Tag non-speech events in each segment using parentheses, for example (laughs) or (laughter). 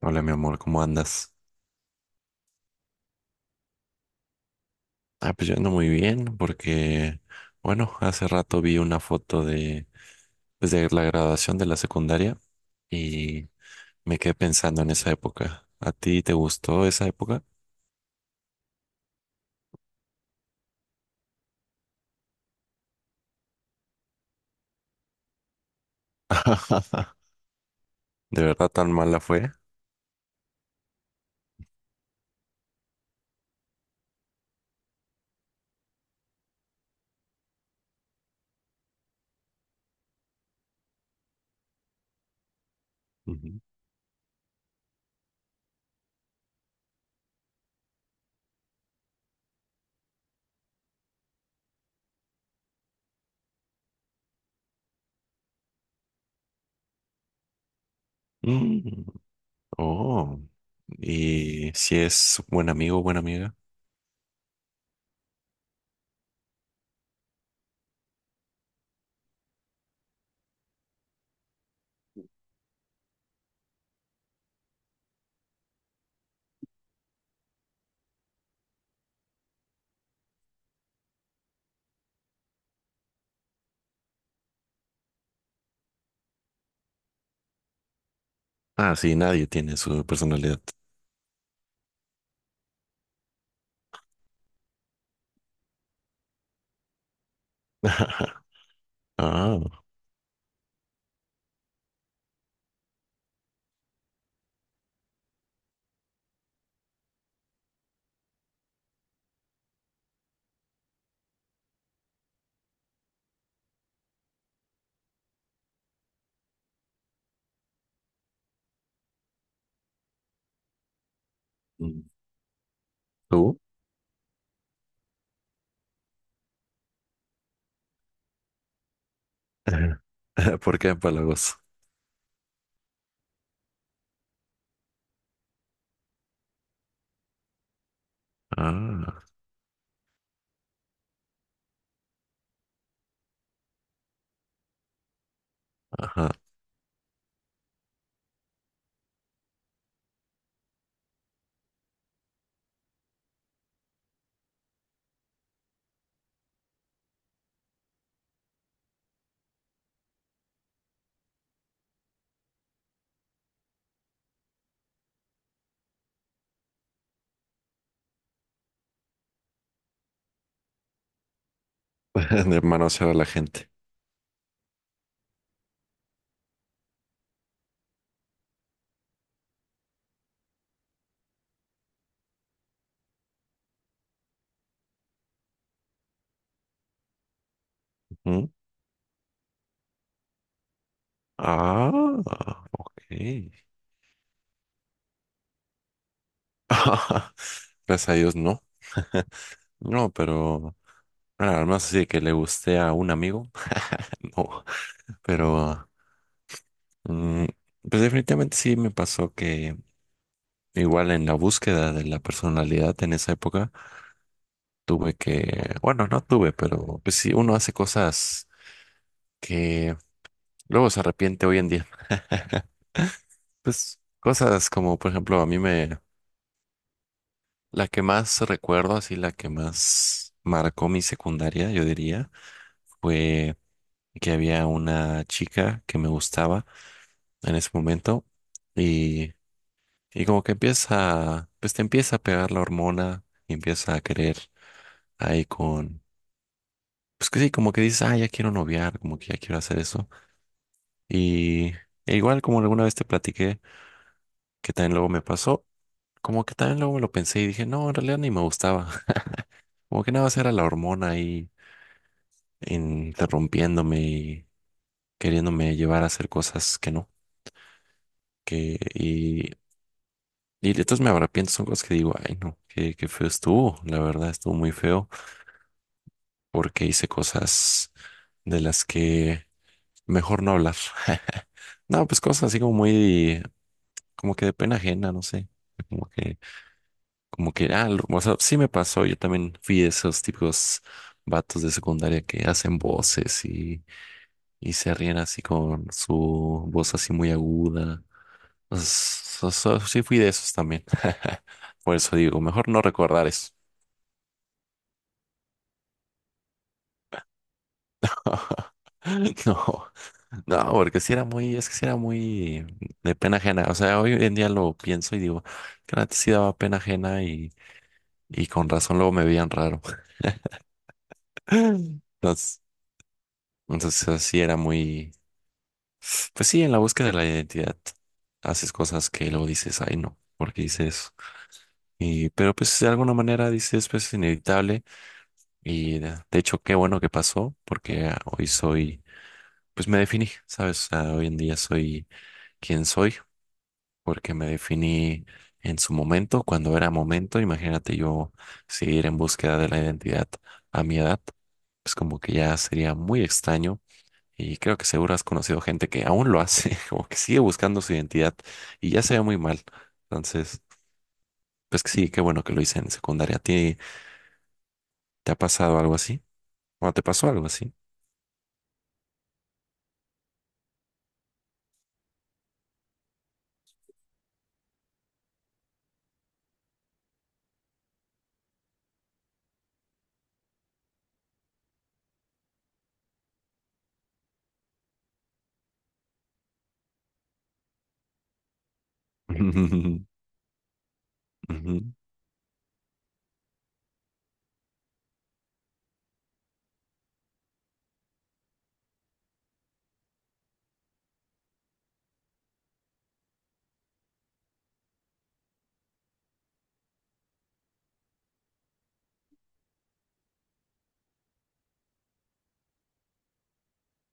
Hola, mi amor, ¿cómo andas? Ah, pues yo ando muy bien porque, bueno, hace rato vi una foto de la graduación de la secundaria y me quedé pensando en esa época. ¿A ti te gustó esa época? (laughs) ¿De verdad tan mala fue? Ujú. Mm, oh, y si es buen amigo o buena amiga. Ah, sí, nadie tiene su personalidad. (laughs) Ah, mm, ¿tú? (laughs) ¿Por qué empalagos? Ah, ajá. (laughs) De manosear a la gente. Ujú. Ah, ok. (laughs) Gracias a Dios, no. No, pero nada más así de que le guste a un amigo. (laughs) No, pero mm, pues definitivamente sí me pasó que igual en la búsqueda de la personalidad en esa época tuve que, bueno, no tuve, pero pues sí, uno hace cosas que luego se arrepiente hoy en día. Pues cosas como, por ejemplo, a mí me la que más recuerdo, así la que más marcó mi secundaria, yo diría, fue que había una chica que me gustaba en ese momento y, y como que empieza, pues te empieza a pegar la hormona y empieza a querer ahí con, pues que sí, como que dices, ah, ya quiero noviar, como que ya quiero hacer eso. Y e igual como alguna vez te platiqué que también luego me pasó, como que también luego me lo pensé y dije, no, en realidad ni me gustaba, (laughs) como que nada más era la hormona ahí interrumpiéndome y queriéndome llevar a hacer cosas que no, que y, y entonces me arrepiento, son cosas que digo, ay no, qué feo estuvo, la verdad estuvo muy feo porque hice cosas de las que mejor no hablar. (laughs) No, pues cosas así como muy, como que de pena ajena, no sé, como que, como que, ah, o sea, sí me pasó, yo también fui de esos típicos vatos de secundaria que hacen voces y se ríen así con su voz así muy aguda. Sí fui de esos también. (laughs) Por eso digo, mejor no recordar eso. (laughs) No, no, porque si era muy, es que si era muy de pena ajena. O sea, hoy en día lo pienso y digo, que antes sí daba pena ajena y con razón luego me veían raro. (laughs) Entonces, así era muy, pues sí, en la búsqueda de la identidad haces cosas que luego dices, ay no, porque hice eso. Pero pues de alguna manera dices, pues es inevitable. Y de hecho, qué bueno que pasó, porque ah, hoy soy, pues me definí, ¿sabes? O sea, hoy en día soy quien soy, porque me definí en su momento, cuando era momento. Imagínate yo seguir en búsqueda de la identidad a mi edad, pues como que ya sería muy extraño. Y creo que seguro has conocido gente que aún lo hace, (laughs) como que sigue buscando su identidad y ya se ve muy mal. Entonces, pues que sí, qué bueno que lo hice en secundaria. ¿A ti te ha pasado algo así? ¿O te pasó algo así? (laughs) Ujú.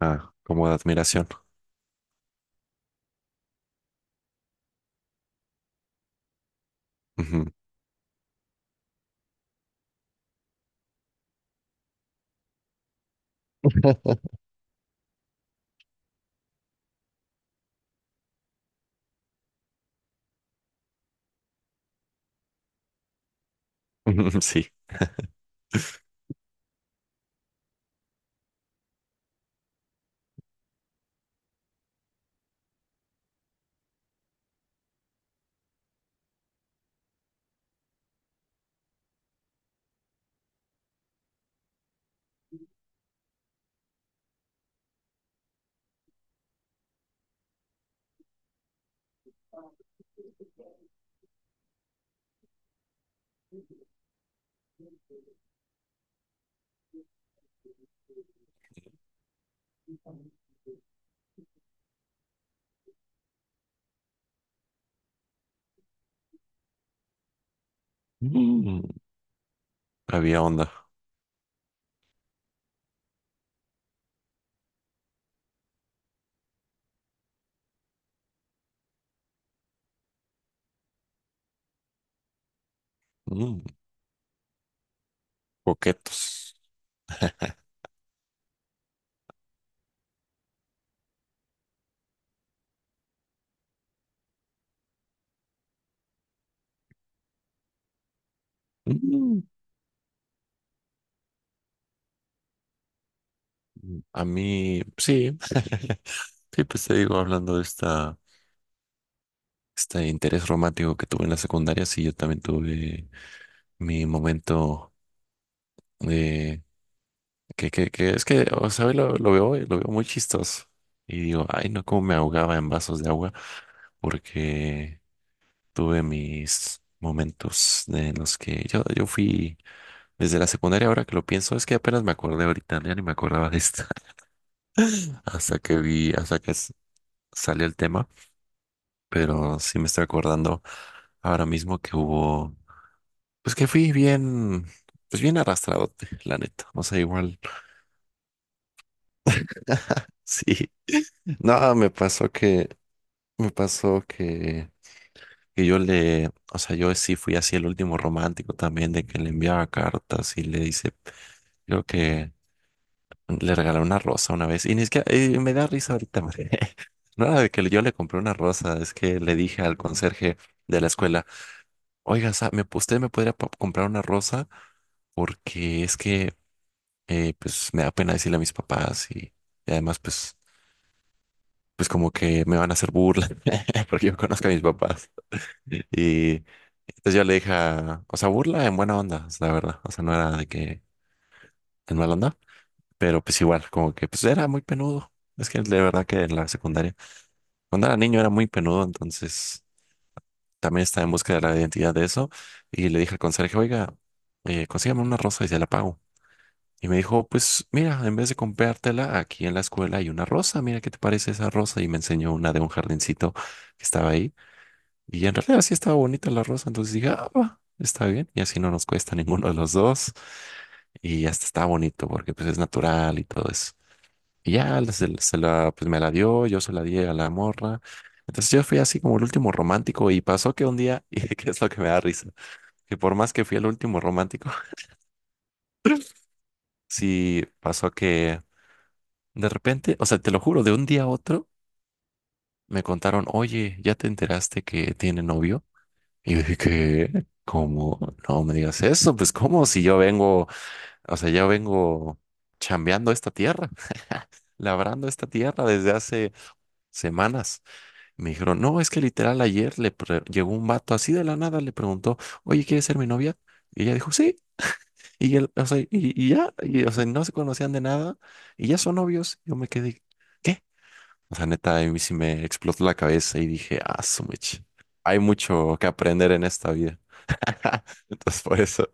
Ah, como de admiración. Ujú. (laughs) Sí. Mm, Había onda. Mm, coquetos. Mm, a mí, sí. (laughs) Sí, pues te digo, hablando de este interés romántico que tuve en la secundaria, sí, yo también tuve mi momento de que es que, o sea, hoy lo veo, hoy, lo veo muy chistoso. Y digo, ay, no, cómo me ahogaba en vasos de agua, porque tuve mis momentos en los que yo fui. Desde la secundaria, ahora que lo pienso, es que apenas me acordé ahorita, ya ni me acordaba de esta, (laughs) hasta que salió el tema, pero sí me estoy acordando ahora mismo que hubo, pues que fui bien, pues bien arrastrado, la neta, o sea, igual, (laughs) sí, no, me pasó que, o sea, yo sí fui así el último romántico también, de que le enviaba cartas y le dice, creo que le regalé una rosa una vez. Y ni siquiera, me da risa ahorita, porque (laughs) no era de que yo le compré una rosa, es que le dije al conserje de la escuela, oiga, usted me podría comprar una rosa porque es que pues me da pena decirle a mis papás y además pues como que me van a hacer burla (laughs) porque yo conozco a mis papás. Y entonces yo le dije, o sea, burla en buena onda, es la verdad. O sea, no era de que en mala onda, pero pues igual, como que pues era muy penudo. Es que de verdad que en la secundaria. Cuando era niño era muy penudo, entonces también estaba en busca de la identidad de eso. Y le dije al conserje, oiga, consígame una rosa y se la pago. Y me dijo, pues mira, en vez de comprártela, aquí en la escuela hay una rosa, mira qué te parece esa rosa. Y me enseñó una de un jardincito que estaba ahí. Y en realidad sí estaba bonita la rosa, entonces dije, ah, va, está bien. Y así no nos cuesta (laughs) ninguno de los dos. Y hasta está bonito porque pues es natural y todo eso. Y ya se la, pues me la dio, yo se la di a la morra. Entonces yo fui así como el último romántico y pasó que un día, (laughs) y que es lo que me da risa, que por más que fui el último romántico, (laughs) sí pasó que de repente, o sea, te lo juro, de un día a otro me contaron, oye, ¿ya te enteraste que tiene novio? Y yo dije, ¿qué? ¿Cómo? No me digas eso, pues ¿cómo? Si yo vengo, o sea, yo vengo chambeando esta tierra, (laughs) labrando esta tierra desde hace semanas. Me dijeron, no, es que literal ayer le llegó un vato así de la nada, le preguntó, oye, ¿quieres ser mi novia? Y ella dijo, sí. Y, él, o sea, no se conocían de nada y ya son novios. Yo me quedé, ¿qué? O sea, neta, a mí sí me explotó la cabeza y dije, ah, su mecha. Hay mucho que aprender en esta vida. (laughs) Entonces, por eso,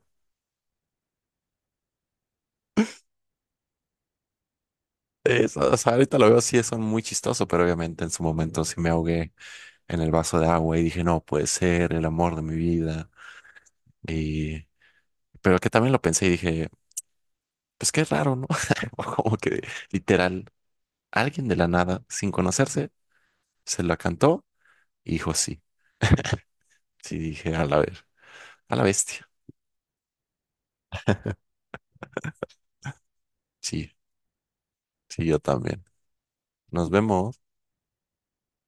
eso, o sea, ahorita lo veo así, son muy chistoso, pero obviamente en su momento sí me ahogué en el vaso de agua y dije, no, puede ser el amor de mi vida. Y, pero que también lo pensé y dije, pues qué raro, ¿no? (laughs) Como que literal, alguien de la nada, sin conocerse, se la cantó y dijo sí. Sí, dije, a la ver, a la bestia. Sí, sí, yo también. Nos vemos.